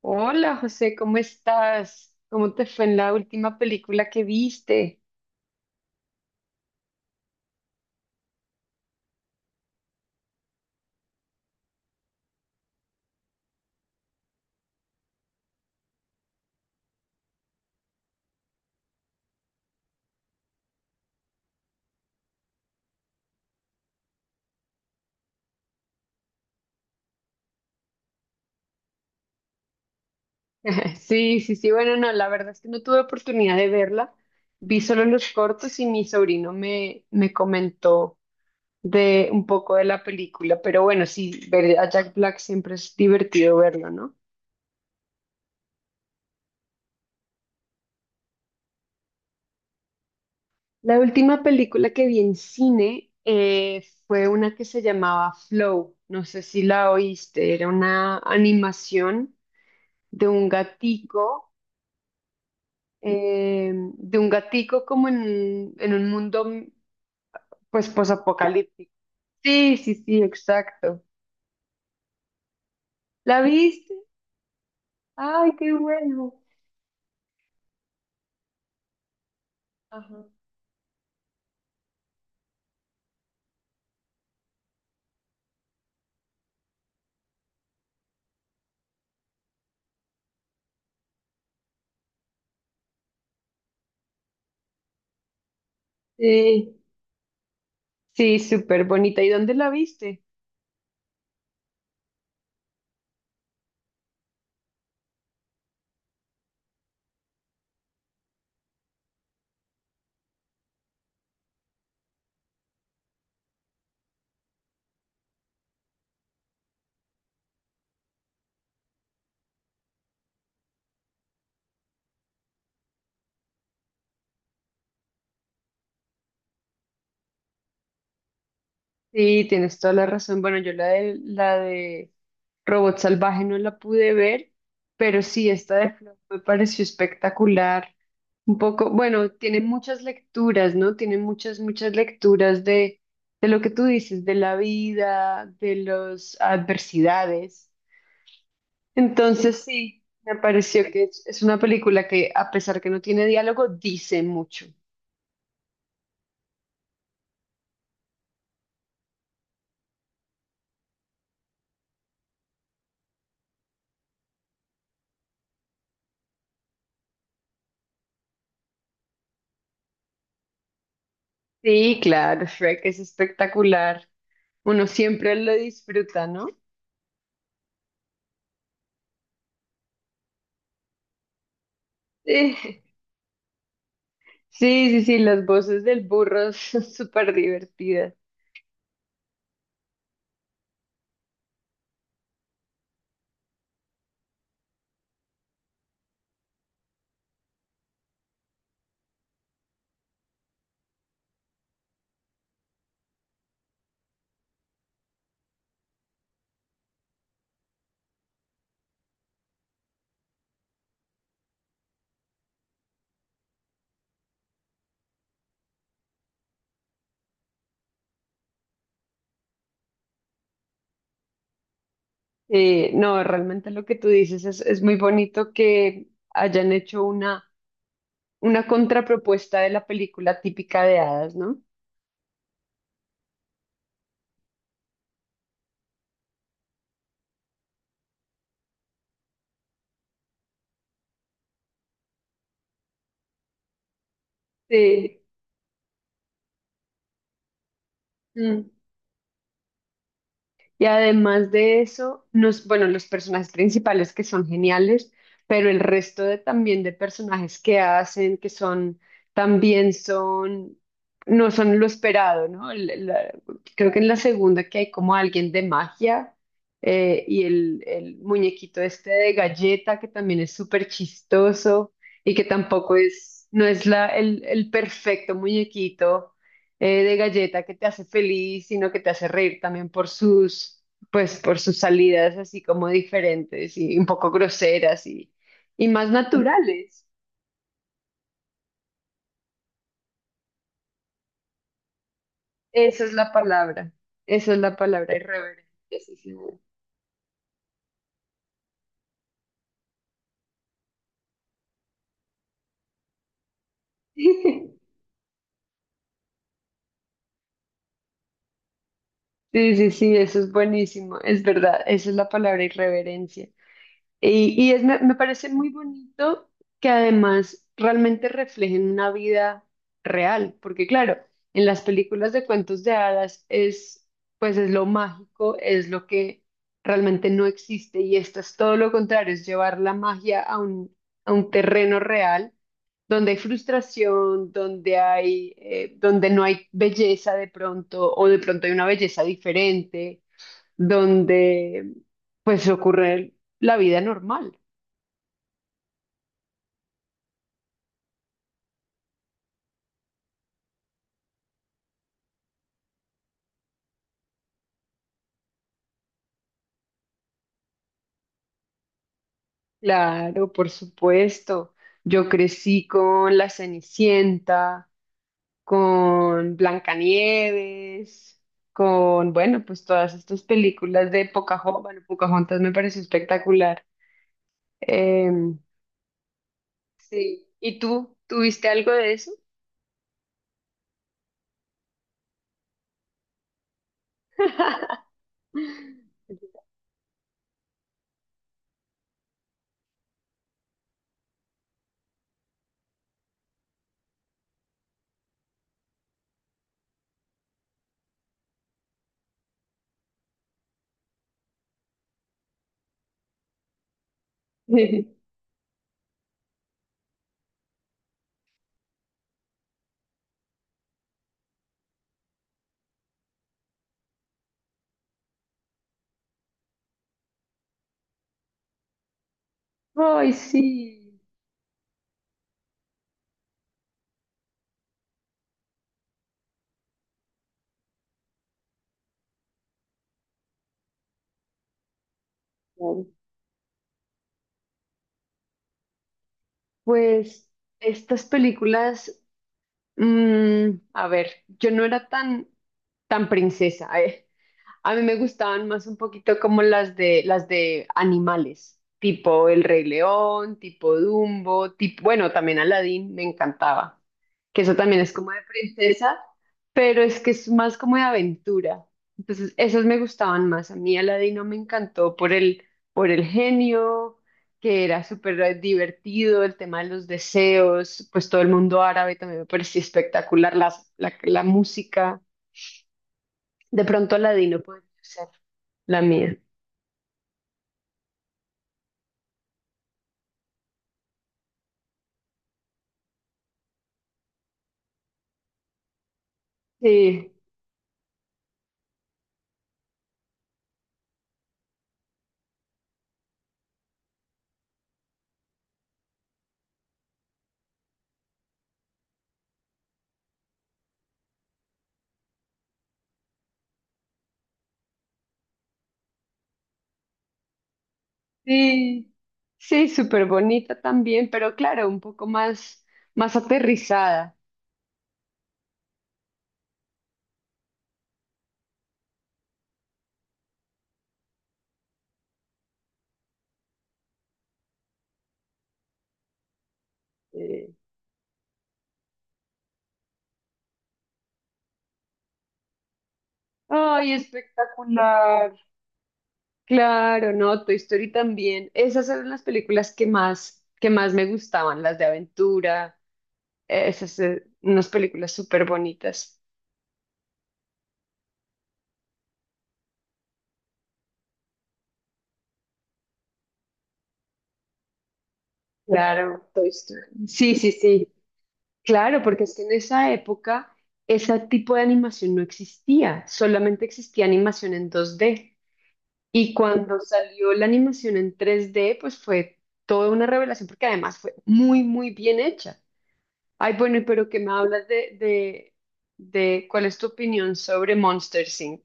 Hola José, ¿cómo estás? ¿Cómo te fue en la última película que viste? Sí, sí, sí, bueno, no, la verdad es que no tuve oportunidad de verla. Vi solo los cortos y mi sobrino me comentó de un poco de la película, pero bueno, sí, ver a Jack Black siempre es divertido verlo, ¿no? La última película que vi en cine fue una que se llamaba Flow, no sé si la oíste, era una animación de un gatico en un mundo pues posapocalíptico. Sí, sí, sí, exacto. ¿La viste? Ay, qué bueno. Ajá. Sí, sí, súper bonita. ¿Y dónde la viste? Sí, tienes toda la razón. Bueno, yo la de Robot Salvaje no la pude ver, pero sí, esta de Flow me pareció espectacular. Un poco, bueno, tiene muchas lecturas, ¿no? Tiene muchas, muchas lecturas de lo que tú dices, de la vida, de las adversidades. Entonces, sí, me pareció que es una película que, a pesar que no tiene diálogo, dice mucho. Sí, claro, Shrek es espectacular. Uno siempre lo disfruta, ¿no? Sí. Sí, sí, sí, las voces del burro son súper divertidas. No, realmente lo que tú dices es muy bonito que hayan hecho una contrapropuesta de la película típica de hadas, ¿no? Sí. Mm. Y además de eso, nos, bueno, los personajes principales que son geniales, pero el resto de, también de personajes que hacen, que son, también son, no son lo esperado, ¿no? Creo que en la segunda que hay como alguien de magia y el muñequito este de galleta que también es súper chistoso y que tampoco es, no es el perfecto muñequito de galleta que te hace feliz, sino que te hace reír también por sus, pues, por sus salidas así como diferentes y un poco groseras y más naturales. Esa es la palabra, esa es la palabra irreverente. Sí, sí. Sí, sí, sí, eso es buenísimo, es verdad, esa es la palabra irreverencia. Me parece muy bonito que además realmente reflejen una vida real, porque claro, en las películas de cuentos de hadas es, pues es lo mágico, es lo que realmente no existe y esto es todo lo contrario, es llevar la magia a un terreno real donde hay frustración, donde hay, donde no hay belleza de pronto o de pronto hay una belleza diferente donde pues ocurre la vida normal. Claro, por supuesto. Yo crecí con La Cenicienta, con Blancanieves, con, bueno, pues todas estas películas de Pocahontas. Bueno, Pocahontas me pareció espectacular. Em, sí. ¿Y tú? ¿Tuviste algo de eso? Ay, sí. Pues estas películas a ver, yo no era tan, tan princesa, eh. A mí me gustaban más un poquito como las de animales, tipo El Rey León, tipo Dumbo, tipo, bueno, también Aladdin me encantaba, que eso también es como de princesa, pero es que es más como de aventura. Entonces, esas me gustaban más. A mí Aladdin no me encantó por el genio, que era súper divertido, el tema de los deseos, pues todo el mundo árabe también me parecía espectacular, la música. De pronto la Dino podría ser la mía. Sí, sí, sí, súper bonita también, pero claro, un poco más, más aterrizada. Eh, Ay, espectacular. Claro, no, Toy Story también. Esas eran las películas que más me gustaban, las de aventura. Esas, unas películas súper bonitas. Claro, Toy Story. Sí, sí, sí. Claro, porque es que en esa época ese tipo de animación no existía, solamente existía animación en 2D. Y cuando salió la animación en 3D, pues fue toda una revelación, porque además fue muy, muy bien hecha. Ay, bueno, y pero que me hablas de cuál es tu opinión sobre Monster Inc.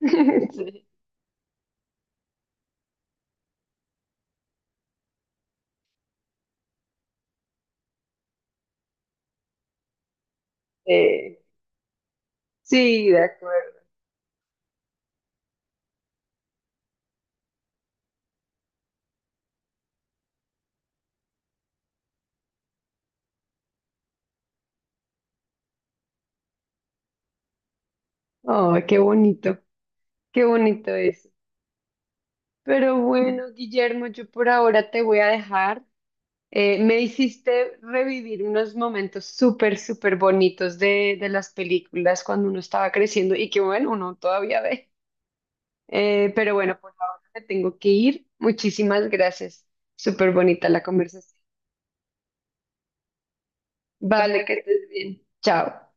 Sí, sí, de acuerdo. Oh, qué bonito eso. Pero bueno, Guillermo, yo por ahora te voy a dejar. Me hiciste revivir unos momentos súper, súper bonitos de las películas cuando uno estaba creciendo y que bueno, uno todavía ve. Pero bueno, por ahora me tengo que ir. Muchísimas gracias. Súper bonita la conversación. Vale, que estés bien. Chao.